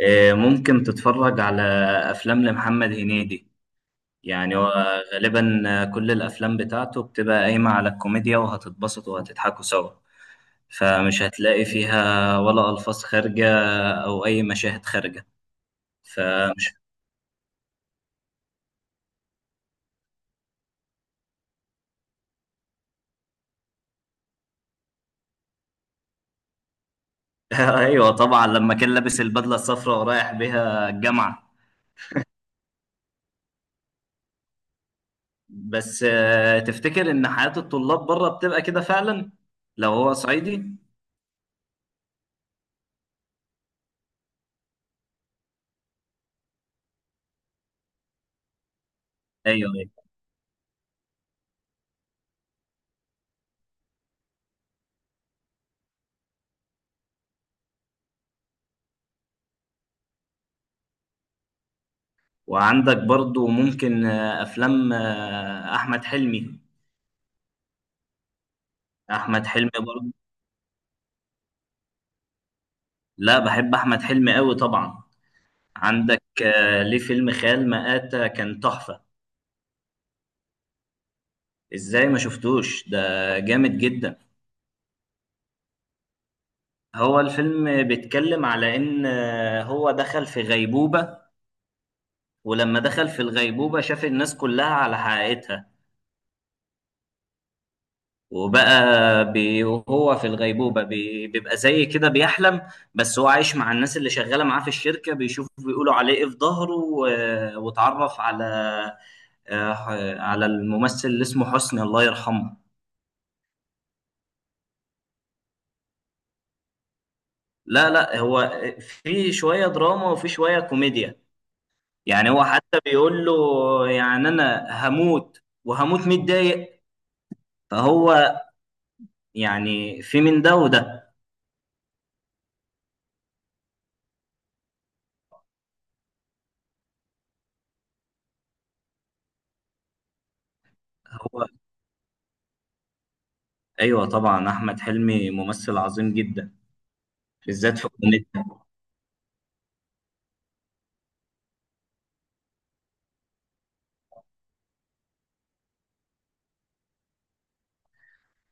ممكن تتفرج على أفلام لمحمد هنيدي. يعني هو غالبا، كل الأفلام بتاعته بتبقى قايمة على الكوميديا، وهتتبسطوا وهتضحكوا سوا. فمش هتلاقي فيها ولا ألفاظ خارجة أو أي مشاهد خارجة. فمش أيوة، طبعا لما كان لابس البدلة الصفراء ورايح بيها الجامعة. بس، تفتكر إن حياة الطلاب بره بتبقى كده فعلا لو هو صعيدي؟ أيوة، أيوة. وعندك برضو ممكن أفلام أحمد حلمي. احمد حلمي برضه. لا، بحب احمد حلمي قوي طبعا. عندك ليه فيلم خيال مآتة كان تحفة. ازاي ما شفتوش ده؟ جامد جدا. هو الفيلم بيتكلم على ان هو دخل في غيبوبة. ولما دخل في الغيبوبة شاف الناس كلها على حقيقتها. وبقى وهو في الغيبوبة، بيبقى زي كده بيحلم. بس هو عايش مع الناس اللي شغالة معاه في الشركة، بيشوفوا بيقولوا عليه ايه في ظهره، واتعرف على آه، على الممثل اللي اسمه حسني الله يرحمه. لا، لا. هو في شوية دراما وفي شوية كوميديا. يعني هو حتى بيقول له، يعني أنا هموت وهموت متضايق. فهو يعني في من ده وده. هو أيوة، طبعا أحمد حلمي ممثل عظيم جدا، بالذات في الكوميديا.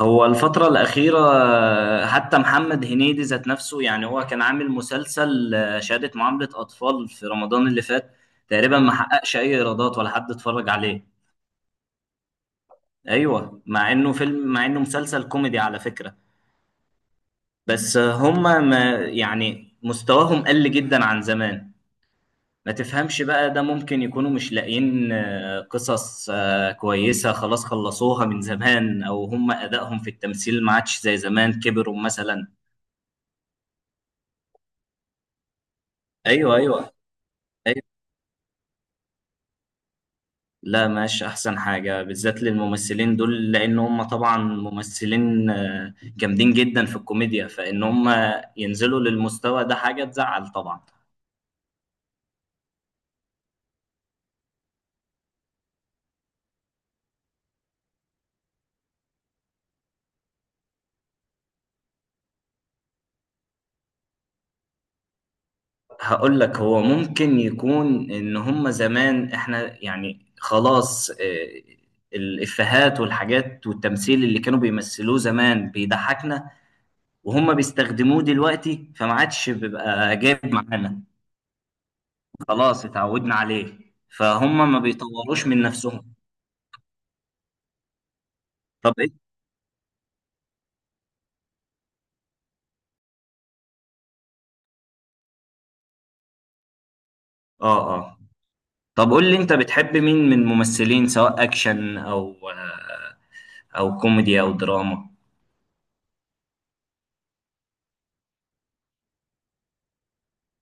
هو الفترة الأخيرة، حتى محمد هنيدي ذات نفسه، يعني هو كان عامل مسلسل شهادة معاملة أطفال في رمضان اللي فات، تقريبا ما حققش أي إيرادات ولا حد اتفرج عليه. أيوه، مع إنه مسلسل كوميدي على فكرة. بس، هما ما يعني مستواهم قل جدا عن زمان. ما تفهمش بقى ده، ممكن يكونوا مش لاقيين قصص كويسة خلاص خلصوها من زمان، أو هما أدائهم في التمثيل ما عادش زي زمان، كبروا مثلا. أيوه، أيوه، أيوة. لا، مش احسن حاجه، بالذات للممثلين دول لان هم طبعا ممثلين جامدين جدا في الكوميديا، فان هم ينزلوا للمستوى ده حاجه تزعل طبعا. هقول لك، هو ممكن يكون ان هم زمان احنا يعني خلاص، الافيهات والحاجات والتمثيل اللي كانوا بيمثلوه زمان بيضحكنا، وهم بيستخدموه دلوقتي فما عادش بيبقى جايب معانا. خلاص اتعودنا عليه. فهم ما بيطوروش من نفسهم. طب إيه؟ اه، اه. طب قول لي، انت بتحب مين من الممثلين، سواء اكشن او كوميدي او دراما؟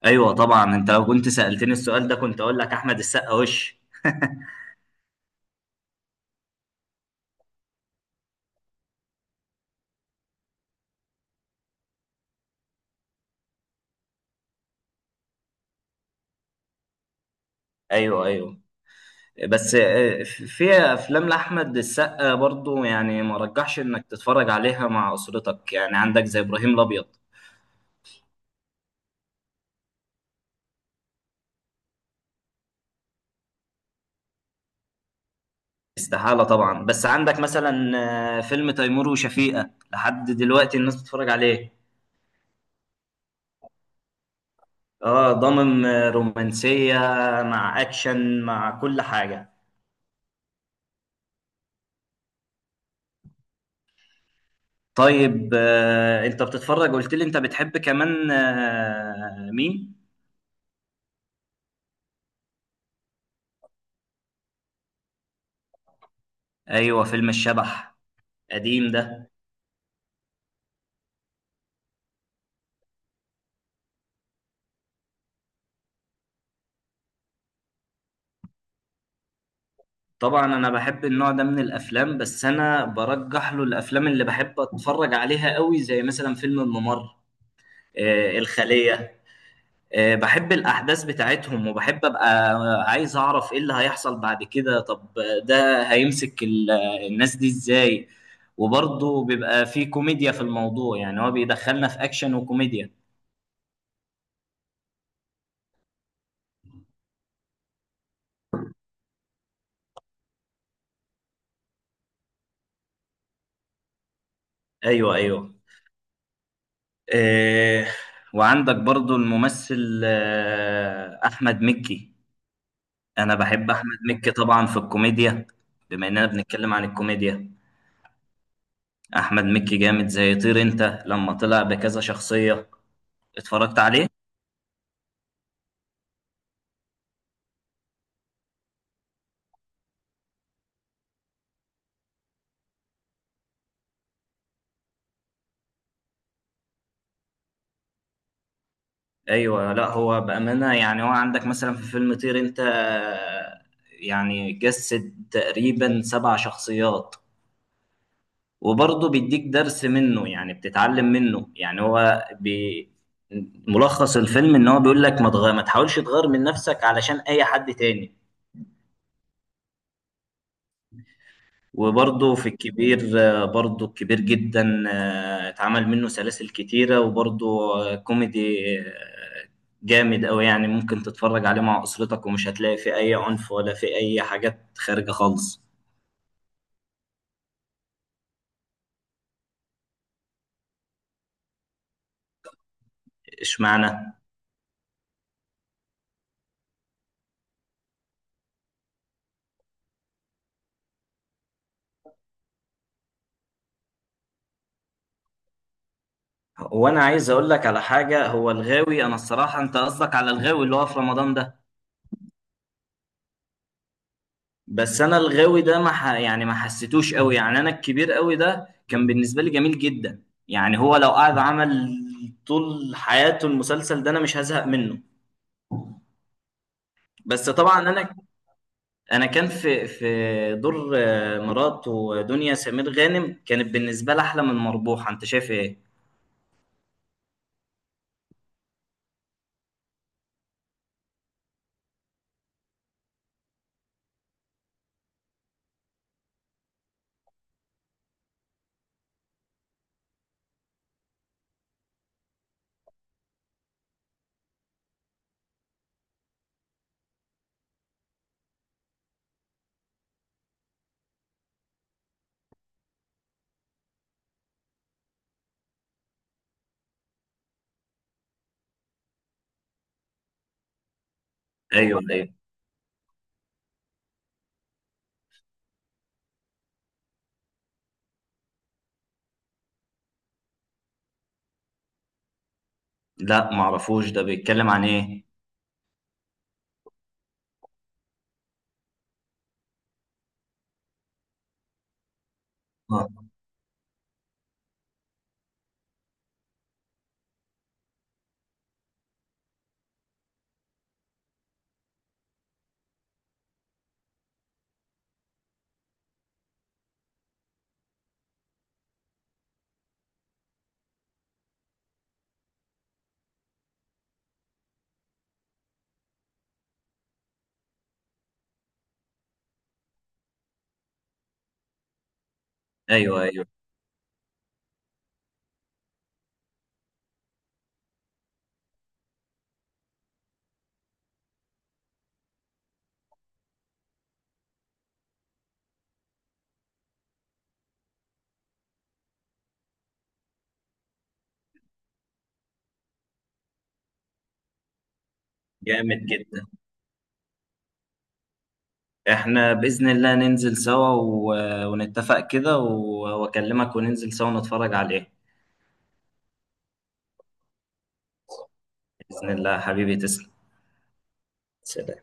ايوه، طبعا. انت لو كنت سألتني السؤال ده كنت اقول لك احمد السقا وش. ايوه، ايوه. بس في افلام لاحمد السقا برضو، يعني ما رجحش انك تتفرج عليها مع اسرتك، يعني عندك زي ابراهيم الابيض. استحالة طبعا. بس عندك مثلا فيلم تيمور وشفيقة لحد دلوقتي الناس بتتفرج عليه. اه، ضامن رومانسية مع اكشن مع كل حاجة. طيب، انت بتتفرج، قلت لي انت بتحب كمان مين؟ ايوه، فيلم الشبح. قديم ده. طبعا انا بحب النوع ده من الافلام، بس انا برجح له الافلام اللي بحب اتفرج عليها قوي زي مثلا فيلم الممر، الخلية. بحب الأحداث بتاعتهم، وبحب أبقى عايز أعرف إيه اللي هيحصل بعد كده. طب ده هيمسك الناس دي إزاي؟ وبرضه بيبقى فيه كوميديا في الموضوع، يعني هو بيدخلنا في أكشن وكوميديا. أيوه، أيوه. آه، وعندك برضه الممثل أحمد مكي. أنا بحب أحمد مكي طبعا في الكوميديا. بما إننا بنتكلم عن الكوميديا، أحمد مكي جامد زي طير أنت، لما طلع بكذا شخصية اتفرجت عليه. ايوه، لا هو بامانه يعني هو عندك مثلا في فيلم طير انت، يعني جسد تقريبا سبع شخصيات. وبرضه بيديك درس منه، يعني بتتعلم منه. يعني هو ملخص الفيلم ان هو بيقول لك ما تحاولش تغير من نفسك علشان اي حد تاني. وبرضه في الكبير، برضه الكبير جدا، اتعمل منه سلاسل كتيرة. وبرضه كوميدي آه، جامد أوي، يعني ممكن تتفرج عليه مع أسرتك ومش هتلاقي فيه أي عنف ولا فيه أي حاجات خارجة خالص. اشمعنى؟ وأنا عايز أقول لك على حاجة. هو الغاوي، أنا الصراحة أنت قصدك على الغاوي اللي هو في رمضان ده. بس انا الغاوي ده ما ح... يعني ما حسيتوش قوي، يعني انا الكبير قوي ده كان بالنسبه لي جميل جدا. يعني هو لو قعد عمل طول حياته المسلسل ده انا مش هزهق منه. بس طبعا انا، انا كان في دور مراته دنيا سمير غانم كانت بالنسبه لي احلى من مربوحه. انت شايف ايه؟ ايوه، ايوه. لا، ما اعرفوش. ده بيتكلم عن ايه؟ آه، ايوه، ايوه. جامد جدا. احنا بإذن الله ننزل سوا ونتفق كده واكلمك وننزل سوا نتفرج عليه. بإذن الله حبيبي، تسلم. سلام.